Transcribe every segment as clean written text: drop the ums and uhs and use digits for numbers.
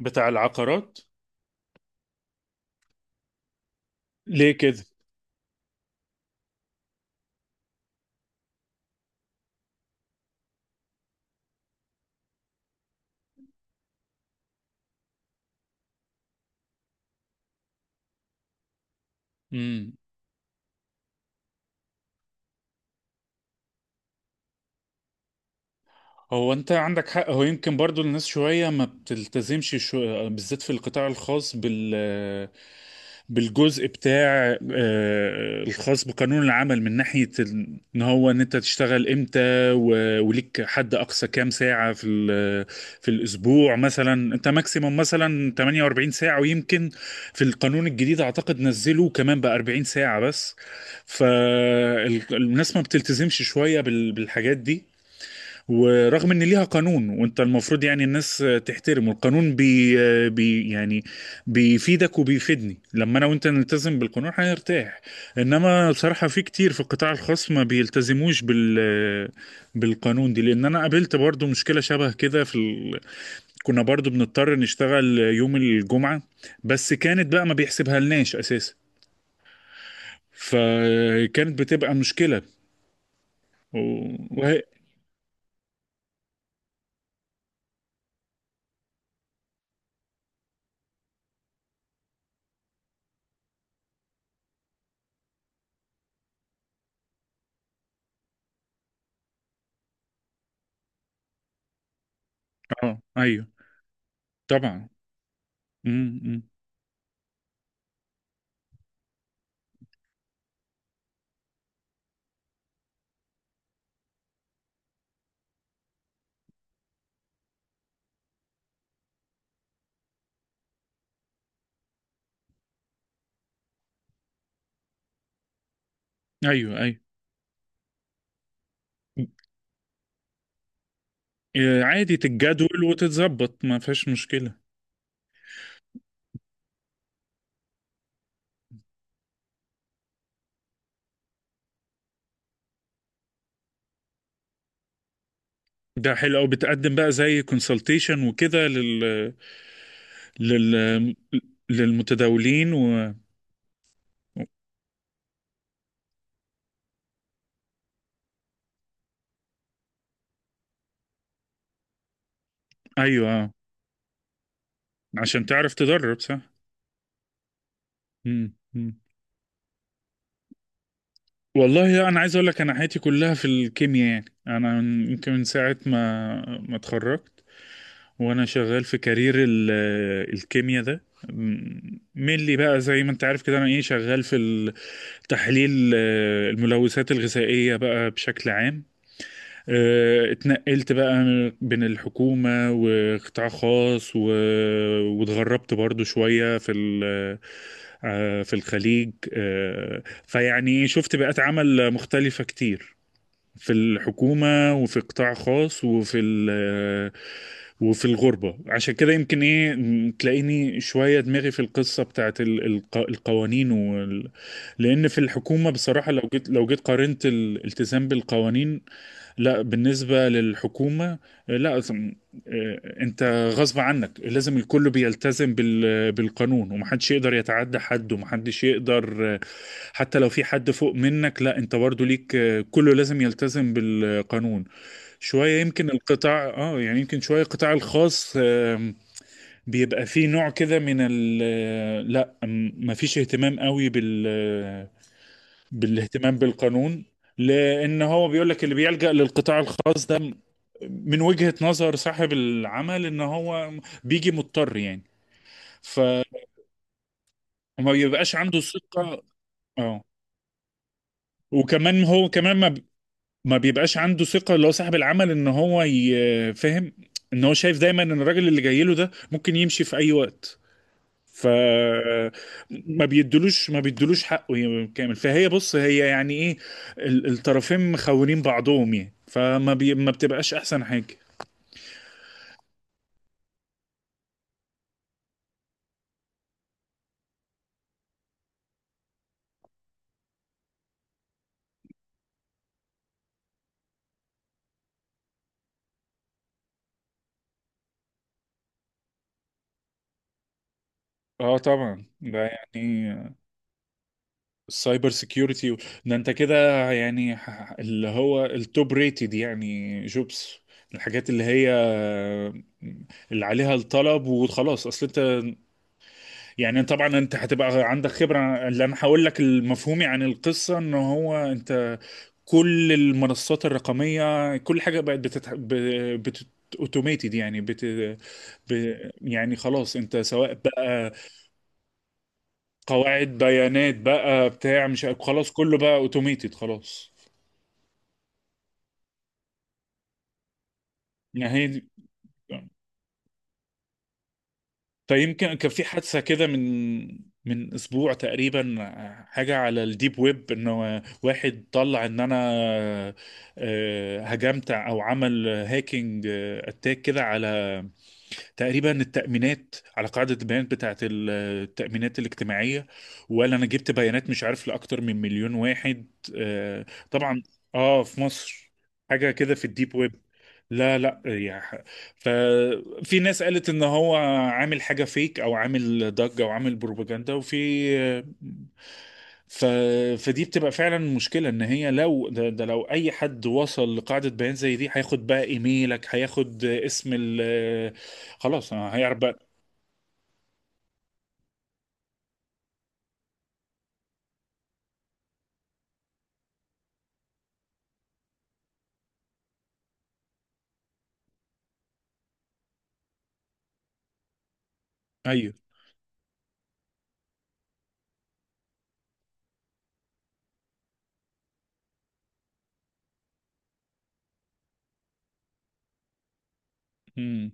بتاع العقارات. ليه كده؟ امم هو انت عندك حق، هو يمكن برضو الناس شوية ما بتلتزمش بالذات في القطاع الخاص بالجزء بتاع الخاص بقانون العمل، من ناحية ان انت تشتغل امتى وليك حد اقصى كام ساعة في في الاسبوع. مثلا انت ماكسيموم مثلا 48 ساعة، ويمكن في القانون الجديد اعتقد نزلوا كمان بقى 40 ساعة بس. فالناس ما بتلتزمش شوية بالحاجات دي، ورغم ان ليها قانون، وانت المفروض يعني الناس تحترمه. القانون بي, بي يعني بيفيدك وبيفيدني، لما انا وانت نلتزم بالقانون هنرتاح. انما بصراحة في كتير في القطاع الخاص ما بيلتزموش بالقانون دي، لان انا قابلت برضو مشكلة شبه كده كنا برضو بنضطر نشتغل يوم الجمعة، بس كانت بقى ما بيحسبها لناش اساسا، فكانت بتبقى مشكلة. و... وهي... اه، ايوه، طبعا. امم. أمم. ايوه، ايوه. عادي تتجدول وتتظبط، ما فيهاش مشكلة. ده حلو أوي، بتقدم بقى زي كونسلتيشن وكده لل... لل للمتداولين أيوه. عشان تعرف تدرب صح. مم. مم. والله أنا عايز أقول لك، أنا حياتي كلها في الكيمياء، يعني أنا يمكن من ساعة ما اتخرجت، وانا شغال في كارير الكيمياء، ده ملي بقى، زي ما انت عارف كده، انا ايه شغال في تحليل الملوثات الغذائية بقى بشكل عام. اتنقلت بقى بين الحكومة وقطاع خاص، واتغربت برضو شوية في ال... آه، في الخليج. فيعني شفت بيئات عمل مختلفة كتير، في الحكومة وفي قطاع خاص، وفي ال آه، وفي الغربة. عشان كده يمكن ايه تلاقيني شوية دماغي في القصة بتاعت القوانين لأن في الحكومة بصراحة، لو جيت قارنت الالتزام بالقوانين. لا، بالنسبة للحكومة، آه، لا أظن- آه، انت غصب عنك لازم الكل بيلتزم بالقانون، ومحدش يقدر يتعدى حد، ومحدش يقدر حتى لو في حد فوق منك، لا، انت برضو ليك، كله لازم يلتزم بالقانون. شوية يمكن القطاع يعني يمكن شوية القطاع الخاص بيبقى فيه نوع كده من ال لا مفيش اهتمام قوي بالاهتمام بالقانون، لان هو بيقول لك اللي بيلجأ للقطاع الخاص ده، من وجهة نظر صاحب العمل، ان هو بيجي مضطر يعني، فما بيبقاش عنده ثقة. اه. وكمان هو كمان ما بيبقاش عنده ثقة، اللي هو صاحب العمل، ان هو فاهم. ان هو شايف دايما ان الراجل اللي جاي له ده ممكن يمشي في اي وقت. ف ما بيدلوش حقه كامل. فهي، بص، هي يعني ايه الطرفين مخونين بعضهم، يعني فما ما بتبقاش احسن حاجة. اه، طبعا، ده. يعني السايبر سيكيورتي، ده انت كده يعني اللي هو التوب ريتد، يعني جوبس، الحاجات اللي هي اللي عليها الطلب، وخلاص. اصل انت، يعني طبعا انت هتبقى عندك خبرة، اللي انا هقول لك المفهومي عن القصة، ان هو انت كل المنصات الرقمية، كل حاجة بقت بت... اوتوميتد، يعني يعني خلاص، انت سواء بقى قواعد بيانات بقى بتاع مش عارف- خلاص كله بقى اوتوميتد، خلاص، يعني هي دي. فيمكن كان في حادثة كده من اسبوع تقريبا، حاجة على الديب ويب، انه واحد طلع ان انا هجمت او عمل هاكينج اتاك كده، على تقريبا التأمينات، على قاعدة البيانات بتاعة التأمينات الاجتماعية، ولا أنا جبت بيانات مش عارف لأكتر من مليون واحد. آه، طبعا. في مصر، حاجة كده في الديب ويب. لا، لا، يا ففي ناس قالت ان هو عامل حاجه فيك، او عامل ضجه، او عامل بروباجندا. ف... فدي بتبقى فعلا مشكلة، ان هي لو ده, ده لو اي حد وصل لقاعدة بيانات زي دي، هياخد بقى ايميلك، هياخد اسم خلاص، أنا هيعرف بقى. ايوه. امم.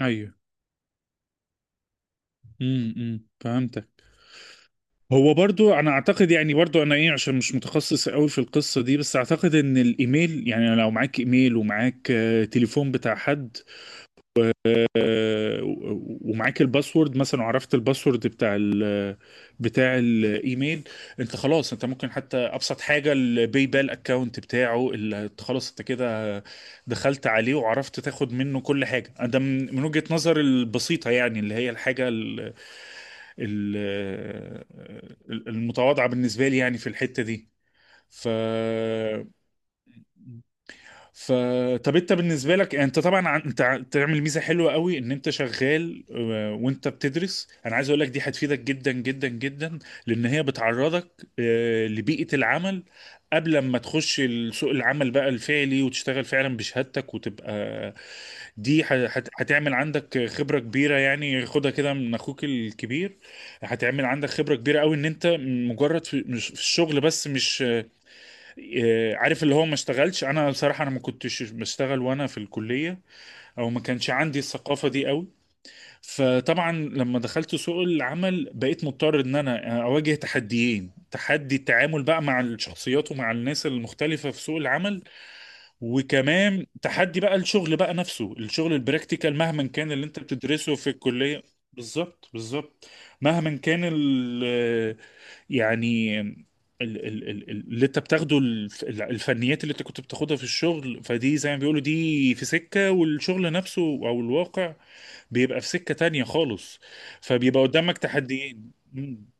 ايوه. امم. أمم. فهمتك. هو برضو انا اعتقد، يعني برضو انا ايه، عشان مش متخصص قوي في القصة دي، بس اعتقد ان الايميل، يعني لو معاك ايميل، ومعاك تليفون بتاع حد، ومعاك الباسورد مثلا، وعرفت الباسورد بتاع بتاع الايميل، انت خلاص، انت ممكن حتى ابسط حاجه الباي بال اكونت بتاعه، اللي خلاص، انت كده دخلت عليه وعرفت تاخد منه كل حاجه. ده من وجهه نظر البسيطه، يعني اللي هي الحاجه ال ال المتواضعه بالنسبه لي، يعني في الحته دي. ف ف طب، انت بالنسبه لك يعني، انت طبعا تعمل ميزه حلوه قوي ان انت شغال، وانت بتدرس. انا عايز اقول لك دي هتفيدك جدا جدا جدا، لان هي بتعرضك لبيئه العمل قبل ما تخش سوق العمل بقى الفعلي، وتشتغل فعلا بشهادتك، وتبقى دي هتعمل عندك خبره كبيره، يعني خدها كده من اخوك الكبير. هتعمل عندك خبره كبيره قوي، ان انت مجرد في في الشغل، بس مش عارف اللي هو ما اشتغلش، انا بصراحه انا ما كنتش بشتغل وانا في الكليه، او ما كانش عندي الثقافه دي قوي. فطبعا لما دخلت سوق العمل بقيت مضطر ان انا اواجه تحديين: تحدي التعامل بقى مع الشخصيات ومع الناس المختلفه في سوق العمل، وكمان تحدي بقى الشغل بقى نفسه، الشغل البراكتيكال، مهما كان اللي انت بتدرسه في الكلية. بالظبط، بالظبط. مهما كان يعني اللي انت بتاخده الفنيات اللي انت كنت بتاخدها في الشغل، فدي زي ما بيقولوا دي في سكة، والشغل نفسه او الواقع بيبقى في سكة تانية خالص. فبيبقى قدامك تحديين. مم.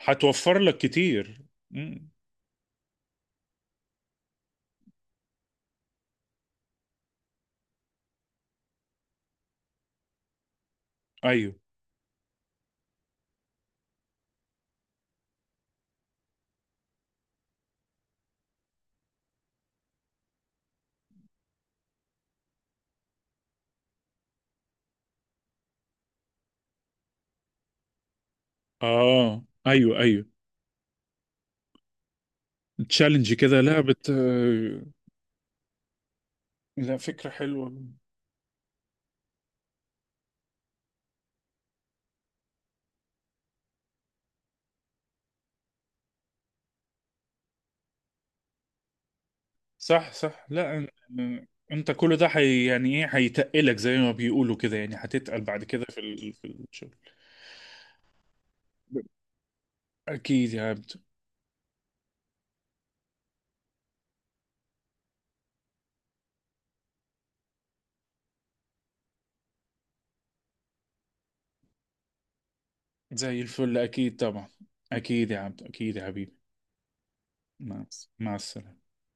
هتوفر لك كتير. مم. ايوه. اه. ايوه. ايوه. تشالنج كده، لا. لا، فكرة حلوة. صح، صح. لا أن- انت كل ده حي، يعني ايه هيتقلك، زي ما بيقولوا كده، يعني هتتقل بعد كده في في الشغل. اكيد يا عبد. زي الفل، اكيد طبعا. اكيد يا عبد، اكيد يا حبيبي. مع مع السلامة.